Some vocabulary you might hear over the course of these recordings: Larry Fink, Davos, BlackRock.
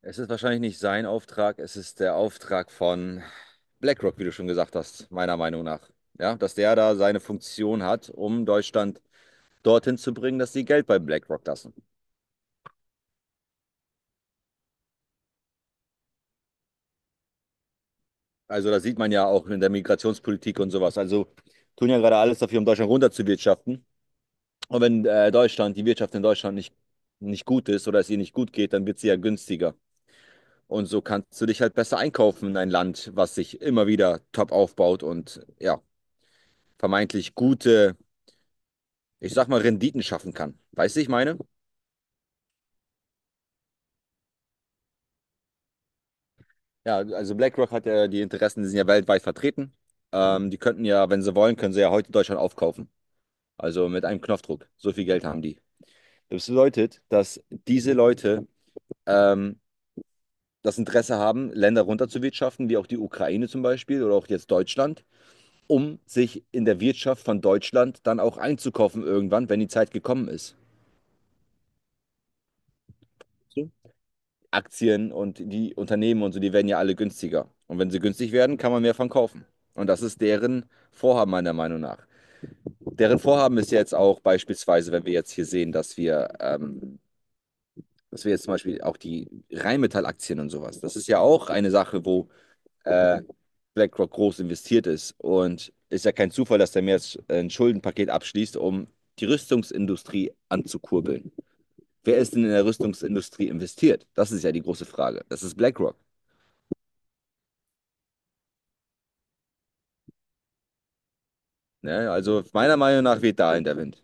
Es ist wahrscheinlich nicht sein Auftrag, es ist der Auftrag von BlackRock, wie du schon gesagt hast, meiner Meinung nach. Ja, dass der da seine Funktion hat, um Deutschland dorthin zu bringen, dass sie Geld bei BlackRock lassen. Also das sieht man ja auch in der Migrationspolitik und sowas. Also tun ja gerade alles dafür, um Deutschland runterzuwirtschaften. Und wenn Deutschland, die Wirtschaft in Deutschland nicht gut ist oder es ihr nicht gut geht, dann wird sie ja günstiger. Und so kannst du dich halt besser einkaufen in ein Land, was sich immer wieder top aufbaut und ja, vermeintlich gute, ich sag mal, Renditen schaffen kann. Weißt du, ich meine? Ja, also BlackRock hat ja die Interessen, die sind ja weltweit vertreten. Die könnten ja, wenn sie wollen, können sie ja heute Deutschland aufkaufen. Also mit einem Knopfdruck. So viel Geld haben die. Das bedeutet, dass diese Leute ähm, das Interesse haben, Länder runterzuwirtschaften, wie auch die Ukraine zum Beispiel oder auch jetzt Deutschland, um sich in der Wirtschaft von Deutschland dann auch einzukaufen irgendwann, wenn die Zeit gekommen ist. So, Aktien und die Unternehmen und so, die werden ja alle günstiger. Und wenn sie günstig werden, kann man mehr von kaufen. Und das ist deren Vorhaben meiner Meinung nach. Deren Vorhaben ist jetzt auch beispielsweise, wenn wir jetzt hier sehen, dass wir jetzt zum Beispiel auch die Rheinmetall-Aktien und sowas, das ist ja auch eine Sache, wo äh, BlackRock groß investiert ist. Und ist ja kein Zufall, dass der mir jetzt ein Schuldenpaket abschließt, um die Rüstungsindustrie anzukurbeln. Wer ist denn in der Rüstungsindustrie investiert? Das ist ja die große Frage. Das ist BlackRock. Ne? Also meiner Meinung nach weht da in der Wind.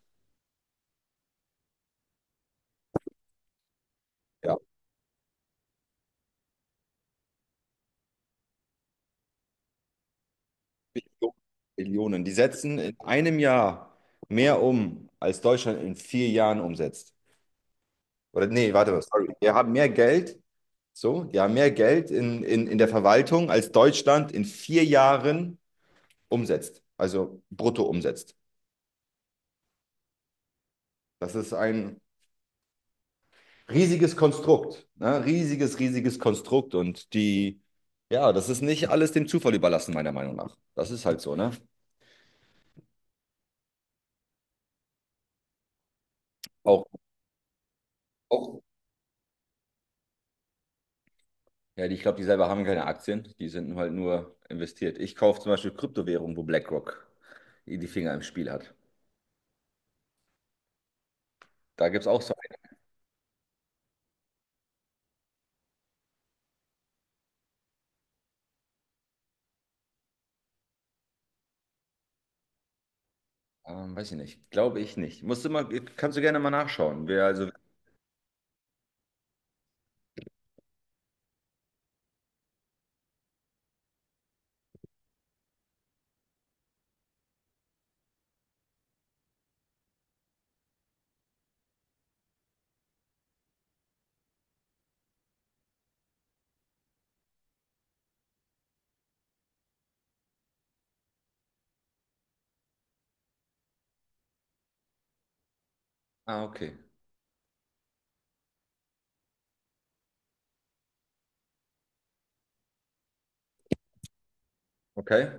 Ja, Millionen. Millionen. Die setzen in einem Jahr mehr um, als Deutschland in vier Jahren umsetzt. Oder nee, warte mal, sorry. Wir haben mehr Geld, so, die haben mehr Geld in der Verwaltung, als Deutschland in vier Jahren umsetzt. Also brutto umsetzt. Das ist ein riesiges Konstrukt. Ne? Riesiges, riesiges Konstrukt. Und die, ja, das ist nicht alles dem Zufall überlassen, meiner Meinung nach. Das ist halt so, ne? Auch, auch Ja, die, ich glaube, die selber haben keine Aktien, die sind halt nur investiert. Ich kaufe zum Beispiel Kryptowährungen, wo BlackRock die Finger im Spiel hat. Da gibt es auch so einen, weiß ich nicht, glaube ich nicht. Musst du mal, kannst du gerne mal nachschauen. Wer also, ah, okay, okay.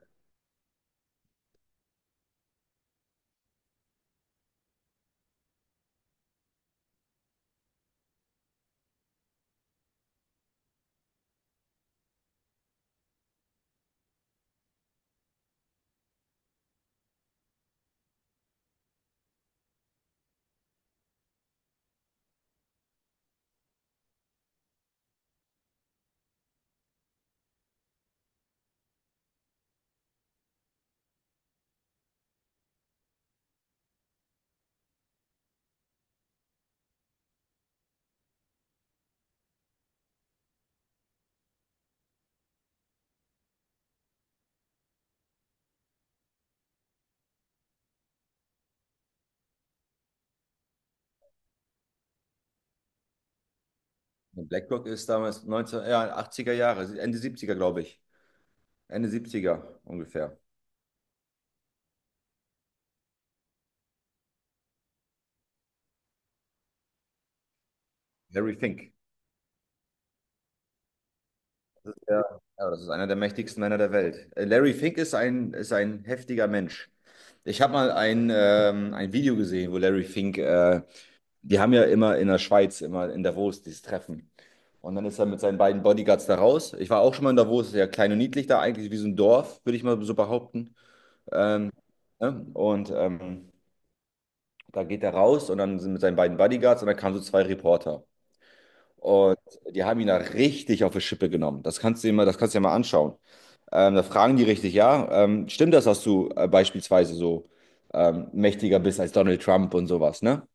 BlackRock ist damals 19, ja, 80er Jahre, Ende 70er, glaube ich. Ende 70er ungefähr. Larry Fink. Ja, ja, das ist einer der mächtigsten Männer der Welt. Larry Fink ist ein heftiger Mensch. Ich habe mal ein Video gesehen, wo Larry Fink die haben ja immer in der Schweiz, immer in Davos, dieses Treffen. Und dann ist er mit seinen beiden Bodyguards da raus. Ich war auch schon mal in Davos, ist ja klein und niedlich da, eigentlich wie so ein Dorf, würde ich mal so behaupten. Ähm, ne? Und da geht er raus und dann sind mit seinen beiden Bodyguards und dann kamen so zwei Reporter. Und die haben ihn da richtig auf die Schippe genommen. Das kannst du dir mal anschauen. Da fragen die richtig, ja, stimmt das, dass du beispielsweise so mächtiger bist als Donald Trump und sowas, ne?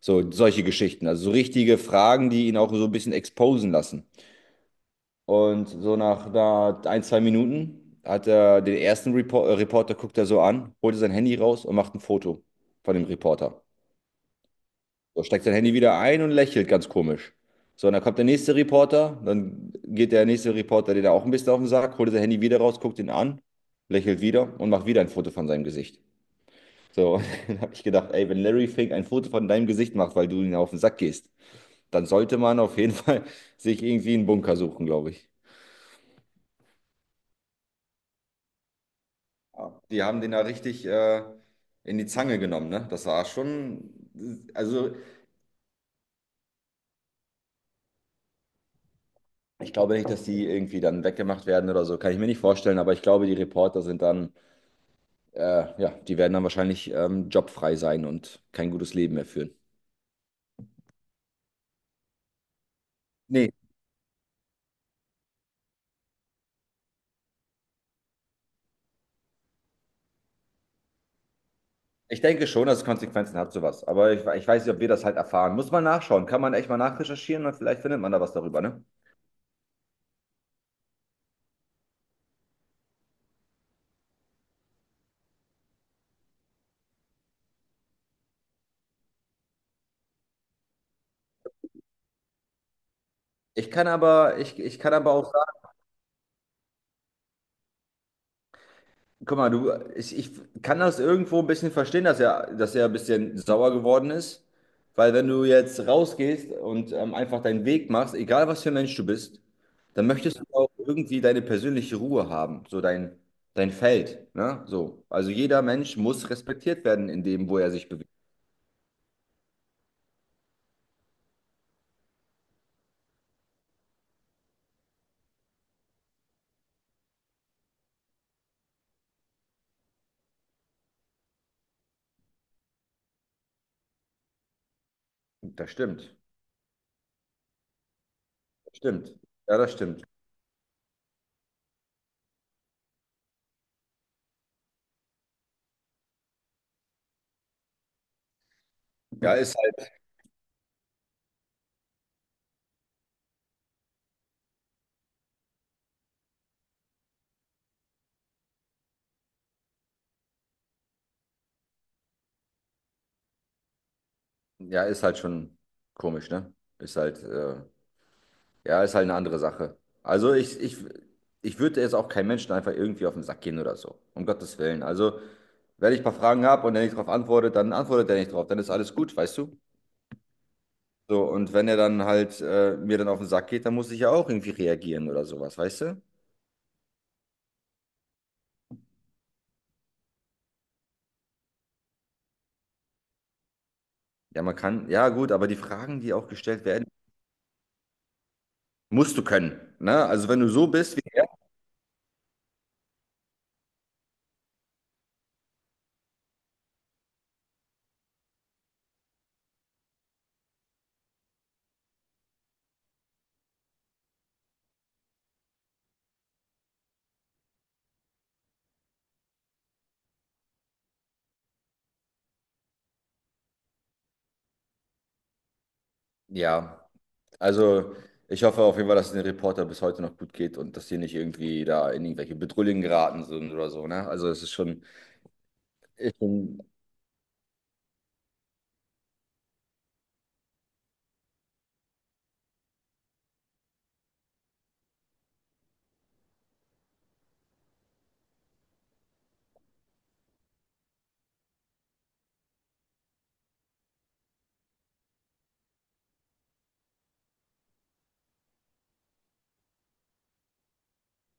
So, solche Geschichten. Also so richtige Fragen, die ihn auch so ein bisschen exposen lassen. Und so nach da ein, zwei Minuten hat er den ersten Reporter, guckt er so an, holt sein Handy raus und macht ein Foto von dem Reporter. So, steckt sein Handy wieder ein und lächelt ganz komisch. So, und dann kommt der nächste Reporter, dann geht der nächste Reporter, den er auch ein bisschen auf den Sack, holt sein Handy wieder raus, guckt ihn an, lächelt wieder und macht wieder ein Foto von seinem Gesicht. So, dann habe ich gedacht, ey, wenn Larry Fink ein Foto von deinem Gesicht macht, weil du ihn auf den Sack gehst, dann sollte man auf jeden Fall sich irgendwie einen Bunker suchen, glaube ich. Ja, die haben den da richtig in die Zange genommen, ne? Das war schon, also ich glaube nicht, dass die irgendwie dann weggemacht werden oder so, kann ich mir nicht vorstellen, aber ich glaube, die Reporter sind dann, ja, die werden dann wahrscheinlich jobfrei sein und kein gutes Leben mehr führen. Nee, ich denke schon, dass es Konsequenzen hat, sowas. Aber ich weiß nicht, ob wir das halt erfahren. Muss man nachschauen, kann man echt mal nachrecherchieren und vielleicht findet man da was darüber, ne? Ich kann aber, ich kann aber auch Guck mal, du, ich kann das irgendwo ein bisschen verstehen, dass er ein bisschen sauer geworden ist. Weil wenn du jetzt rausgehst und einfach deinen Weg machst, egal was für ein Mensch du bist, dann möchtest du auch irgendwie deine persönliche Ruhe haben, so dein Feld, ne? So. Also jeder Mensch muss respektiert werden in dem, wo er sich bewegt. Das stimmt. Stimmt. Ja, das stimmt. Ja, ist halt schon komisch, ne? Ist halt äh, Ja, ist halt eine andere Sache. Also ich würde jetzt auch keinem Menschen einfach irgendwie auf den Sack gehen oder so. Um Gottes Willen. Also, wenn ich ein paar Fragen habe und er nicht drauf antwortet, dann antwortet er nicht drauf. Dann ist alles gut, weißt du? So, und wenn er dann halt mir dann auf den Sack geht, dann muss ich ja auch irgendwie reagieren oder sowas, weißt du? Ja, man kann, ja gut, aber die Fragen, die auch gestellt werden, musst du können. Ne? Also wenn du so bist wie er, ja. Also, ich hoffe auf jeden Fall, dass es den Reporter bis heute noch gut geht und dass die nicht irgendwie da in irgendwelche Bedrullien geraten sind oder so, ne? Also, es ist schon